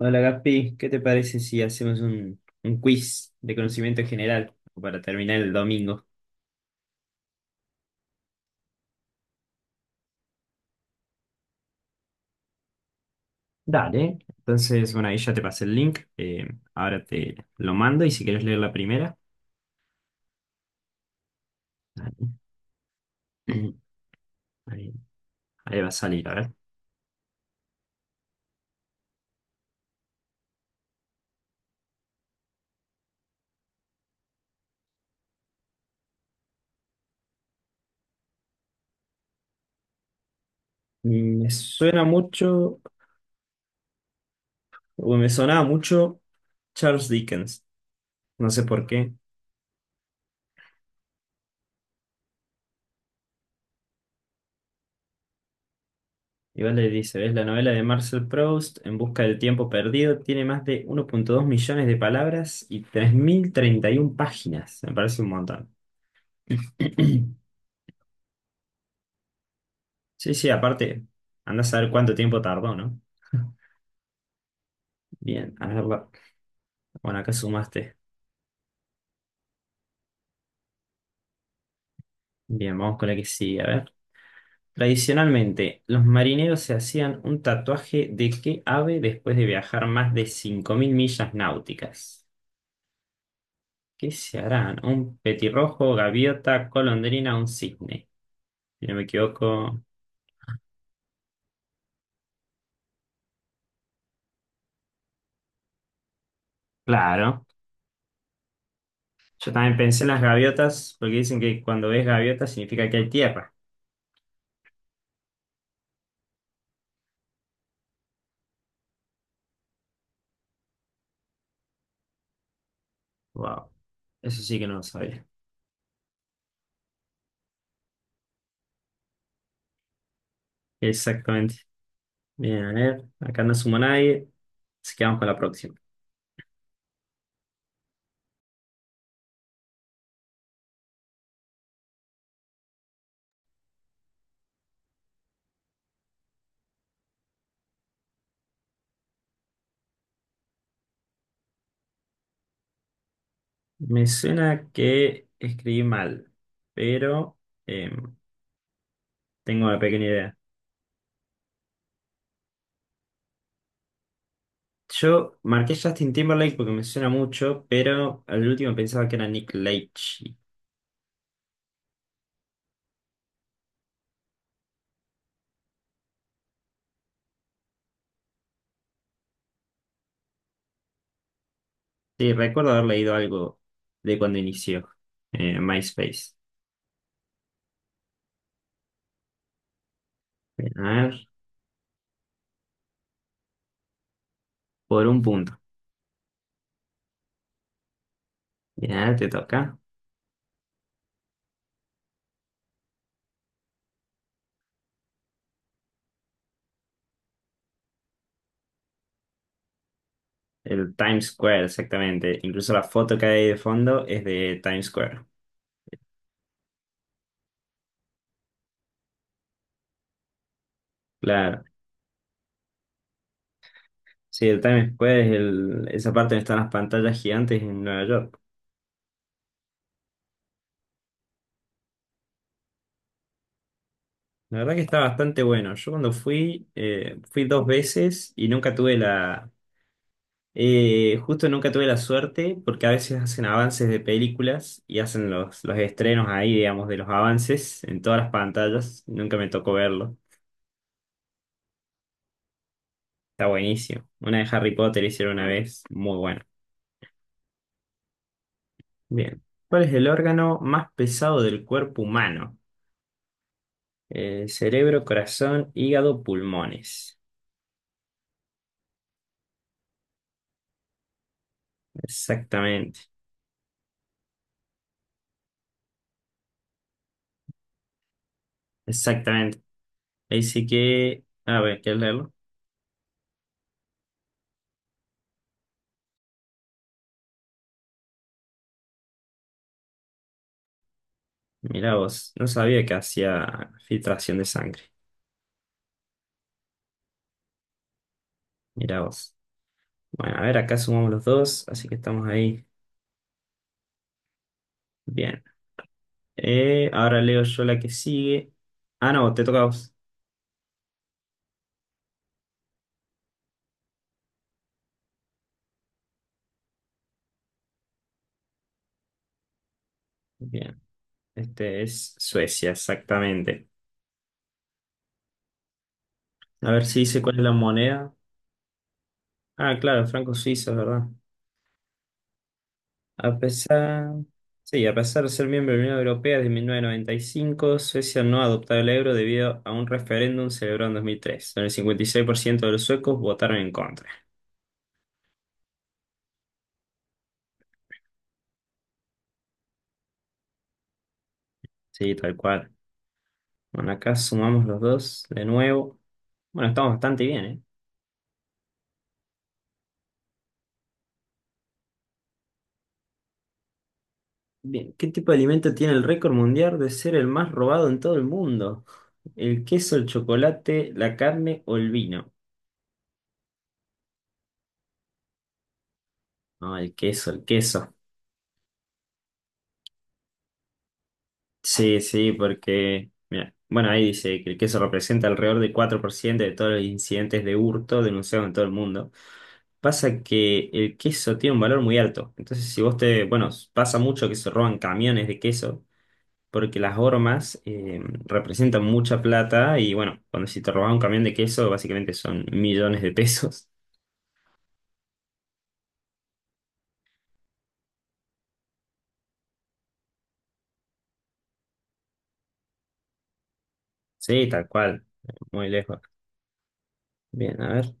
Hola Gaspi, ¿qué te parece si hacemos un quiz de conocimiento general para terminar el domingo? Dale. Entonces, bueno, ahí ya te pasé el link, ahora te lo mando y si quieres leer la primera. Dale. ahí, ahí va a salir, a ver. Me suena mucho, o me sonaba mucho Charles Dickens, no sé por qué. Igual le dice, ¿ves? La novela de Marcel Proust, En busca del tiempo perdido, tiene más de 1,2 millones de palabras y 3.031 páginas. Me parece un montón. Sí, sí, aparte, andás a ver cuánto tiempo tardó, ¿no? Bien, a verla. Bueno, acá sumaste. Bien, vamos con la que sigue. A ver. Tradicionalmente, los marineros se hacían un tatuaje de qué ave después de viajar más de 5.000 millas náuticas. ¿Qué se harán? ¿Un petirrojo, gaviota, golondrina, un cisne? Si no me equivoco. Claro. Yo también pensé en las gaviotas, porque dicen que cuando ves gaviotas significa que hay tierra. Wow. Eso sí que no lo sabía. Exactamente. Bien, a ver, acá no sumo a nadie, así que vamos con la próxima. Me suena que escribí mal, pero em, tengo una pequeña idea. Yo marqué Justin Timberlake porque me suena mucho, pero al último pensaba que era Nick Leitch. Sí, recuerdo haber leído algo de cuando inició MySpace. Bien, a ver, por un punto. Ya te toca. El Times Square, exactamente. Incluso la foto que hay de fondo es de Times Square. Claro. Sí, el Times Square es esa parte donde están las pantallas gigantes en Nueva York. La verdad que está bastante bueno. Yo cuando fui dos veces y nunca tuve la... justo nunca tuve la suerte porque a veces hacen avances de películas y hacen los estrenos ahí, digamos, de los avances en todas las pantallas. Nunca me tocó verlo. Está buenísimo. Una de Harry Potter hicieron una vez. Muy buena. Bien. ¿Cuál es el órgano más pesado del cuerpo humano? Cerebro, corazón, hígado, pulmones. Exactamente. Exactamente. Así que, a ver, ¿quieres leerlo? Mirá vos. No sabía que hacía filtración de sangre. Mirá vos. Bueno, a ver, acá sumamos los dos, así que estamos ahí. Bien. Ahora leo yo la que sigue. Ah, no, te toca a vos. Bien. Este es Suecia, exactamente. A ver si dice cuál es la moneda. Ah, claro, franco suizo, ¿es verdad? A pesar, sí, a pesar de ser miembro de la Unión Europea desde mil novecientos noventa y cinco, Suecia no ha adoptado el euro debido a un referéndum celebrado en dos mil tres, donde el 56% de los suecos votaron en contra. Sí, tal cual. Bueno, acá sumamos los dos de nuevo. Bueno, estamos bastante bien, ¿eh? Bien, ¿qué tipo de alimento tiene el récord mundial de ser el más robado en todo el mundo? ¿El queso, el chocolate, la carne o el vino? No, el queso, el queso. Sí, sí, porque, mira, bueno, ahí dice que el queso representa alrededor del 4% de todos los incidentes de hurto denunciados en todo el mundo. Pasa que el queso tiene un valor muy alto. Entonces, si vos te, bueno, pasa mucho que se roban camiones de queso, porque las hormas representan mucha plata y, bueno, cuando si te robas un camión de queso, básicamente son millones de pesos. Sí, tal cual, muy lejos. Bien, a ver.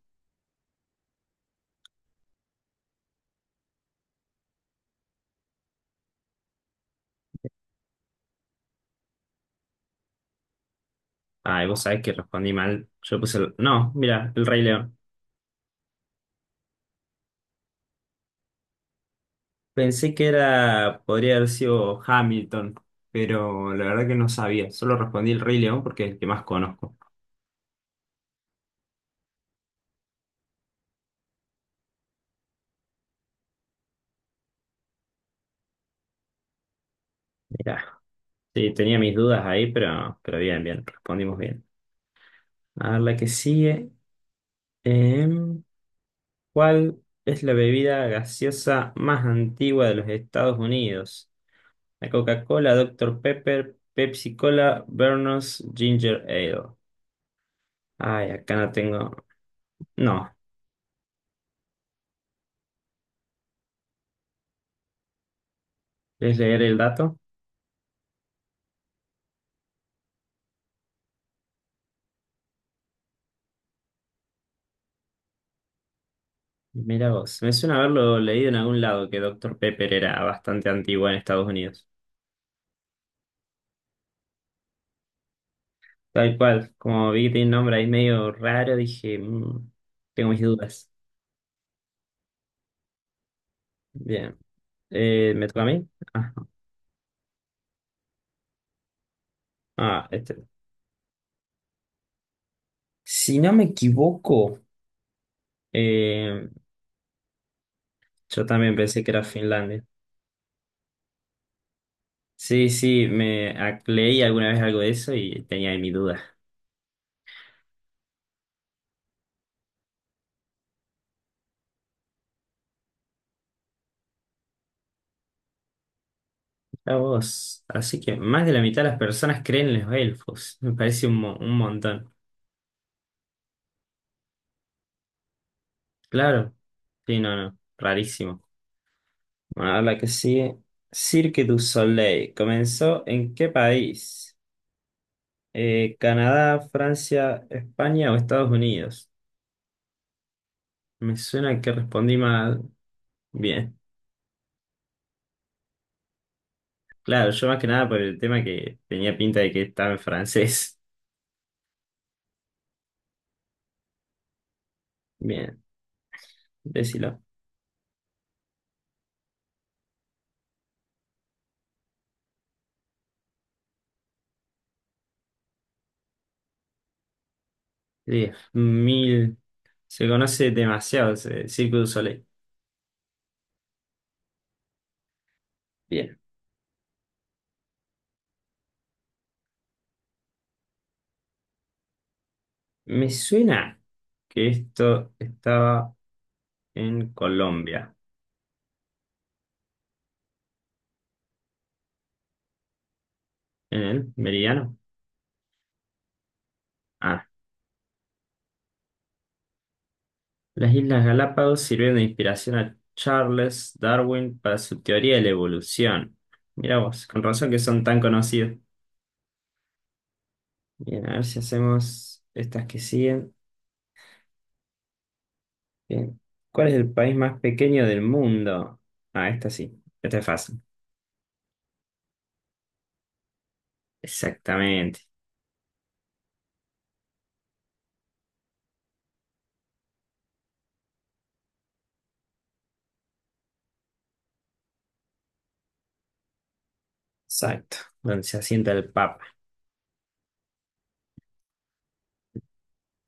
Ah, ¿y vos sabés que respondí mal? Yo puse, no, mira, el Rey León. Pensé que era, podría haber sido Hamilton, pero la verdad que no sabía. Solo respondí el Rey León porque es el que más conozco. Mirá. Sí, tenía mis dudas ahí, pero bien, bien, respondimos bien. A ver, la que sigue. Em, ¿Cuál es la bebida gaseosa más antigua de los Estados Unidos? La Coca-Cola, Doctor Pepper, Pepsi Cola, Vernos, Ginger Ale. Ay, acá no tengo. No, ¿quieres leer el dato? Mira vos, me suena haberlo leído en algún lado que Doctor Pepper era bastante antigua en Estados Unidos. Tal cual, como vi que tiene un nombre ahí medio raro, dije, "Mm, tengo mis dudas". Bien. ¿Me toca a mí? Ah, ah, este. Si no me equivoco, eh, yo también pensé que era Finlandia. Sí, sí, leí alguna vez algo de eso y tenía ahí mi duda. Mira vos, así que más de la mitad de las personas creen en los elfos, me parece un montón. Claro, sí, no, no, rarísimo. Bueno, ahora la que sigue. Cirque du Soleil, ¿comenzó en qué país? ¿Canadá, Francia, España o Estados Unidos? Me suena que respondí mal. Bien, claro, yo más que nada por el tema que tenía pinta de que estaba en francés. Bien, decilo. Diez mil. Se conoce demasiado ese Cirque du Soleil. Bien, me suena que esto estaba en Colombia. ¿En el meridiano? Ah. Las Islas Galápagos sirvieron de inspiración a Charles Darwin para su teoría de la evolución. Mira vos, con razón que son tan conocidos. Bien, a ver si hacemos estas que siguen. Bien. ¿Cuál es el país más pequeño del mundo? Ah, esta sí. Esta es fácil. Exactamente. Exacto. Donde se asienta el Papa.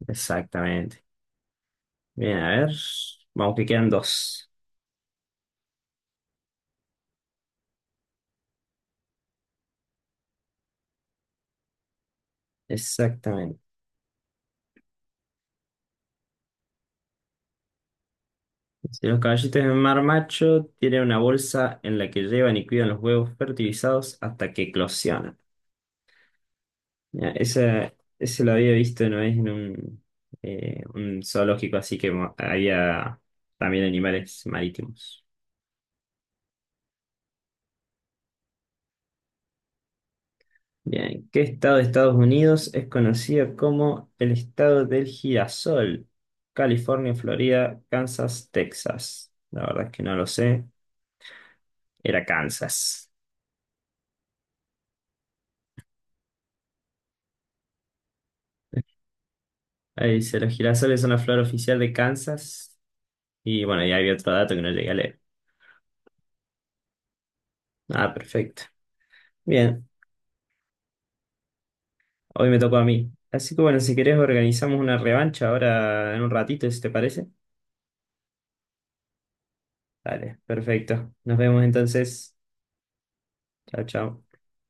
Exactamente. Bien, a ver. Vamos que quedan dos. Exactamente. Si los caballitos de mar macho tienen una bolsa en la que llevan y cuidan los huevos fertilizados hasta que eclosionan. Mira, ese lo había visto una vez en un zoológico, así que había también animales marítimos. Bien, ¿qué estado de Estados Unidos es conocido como el estado del girasol? California, Florida, Kansas, Texas. La verdad es que no lo sé. Era Kansas. Ahí dice, los girasoles son la flor oficial de Kansas. Y bueno, ya había otro dato que no llegué a leer. Ah, perfecto. Bien, hoy me tocó a mí. Así que bueno, si querés organizamos una revancha ahora en un ratito, si te parece. Dale, perfecto. Nos vemos entonces. Chao, chao.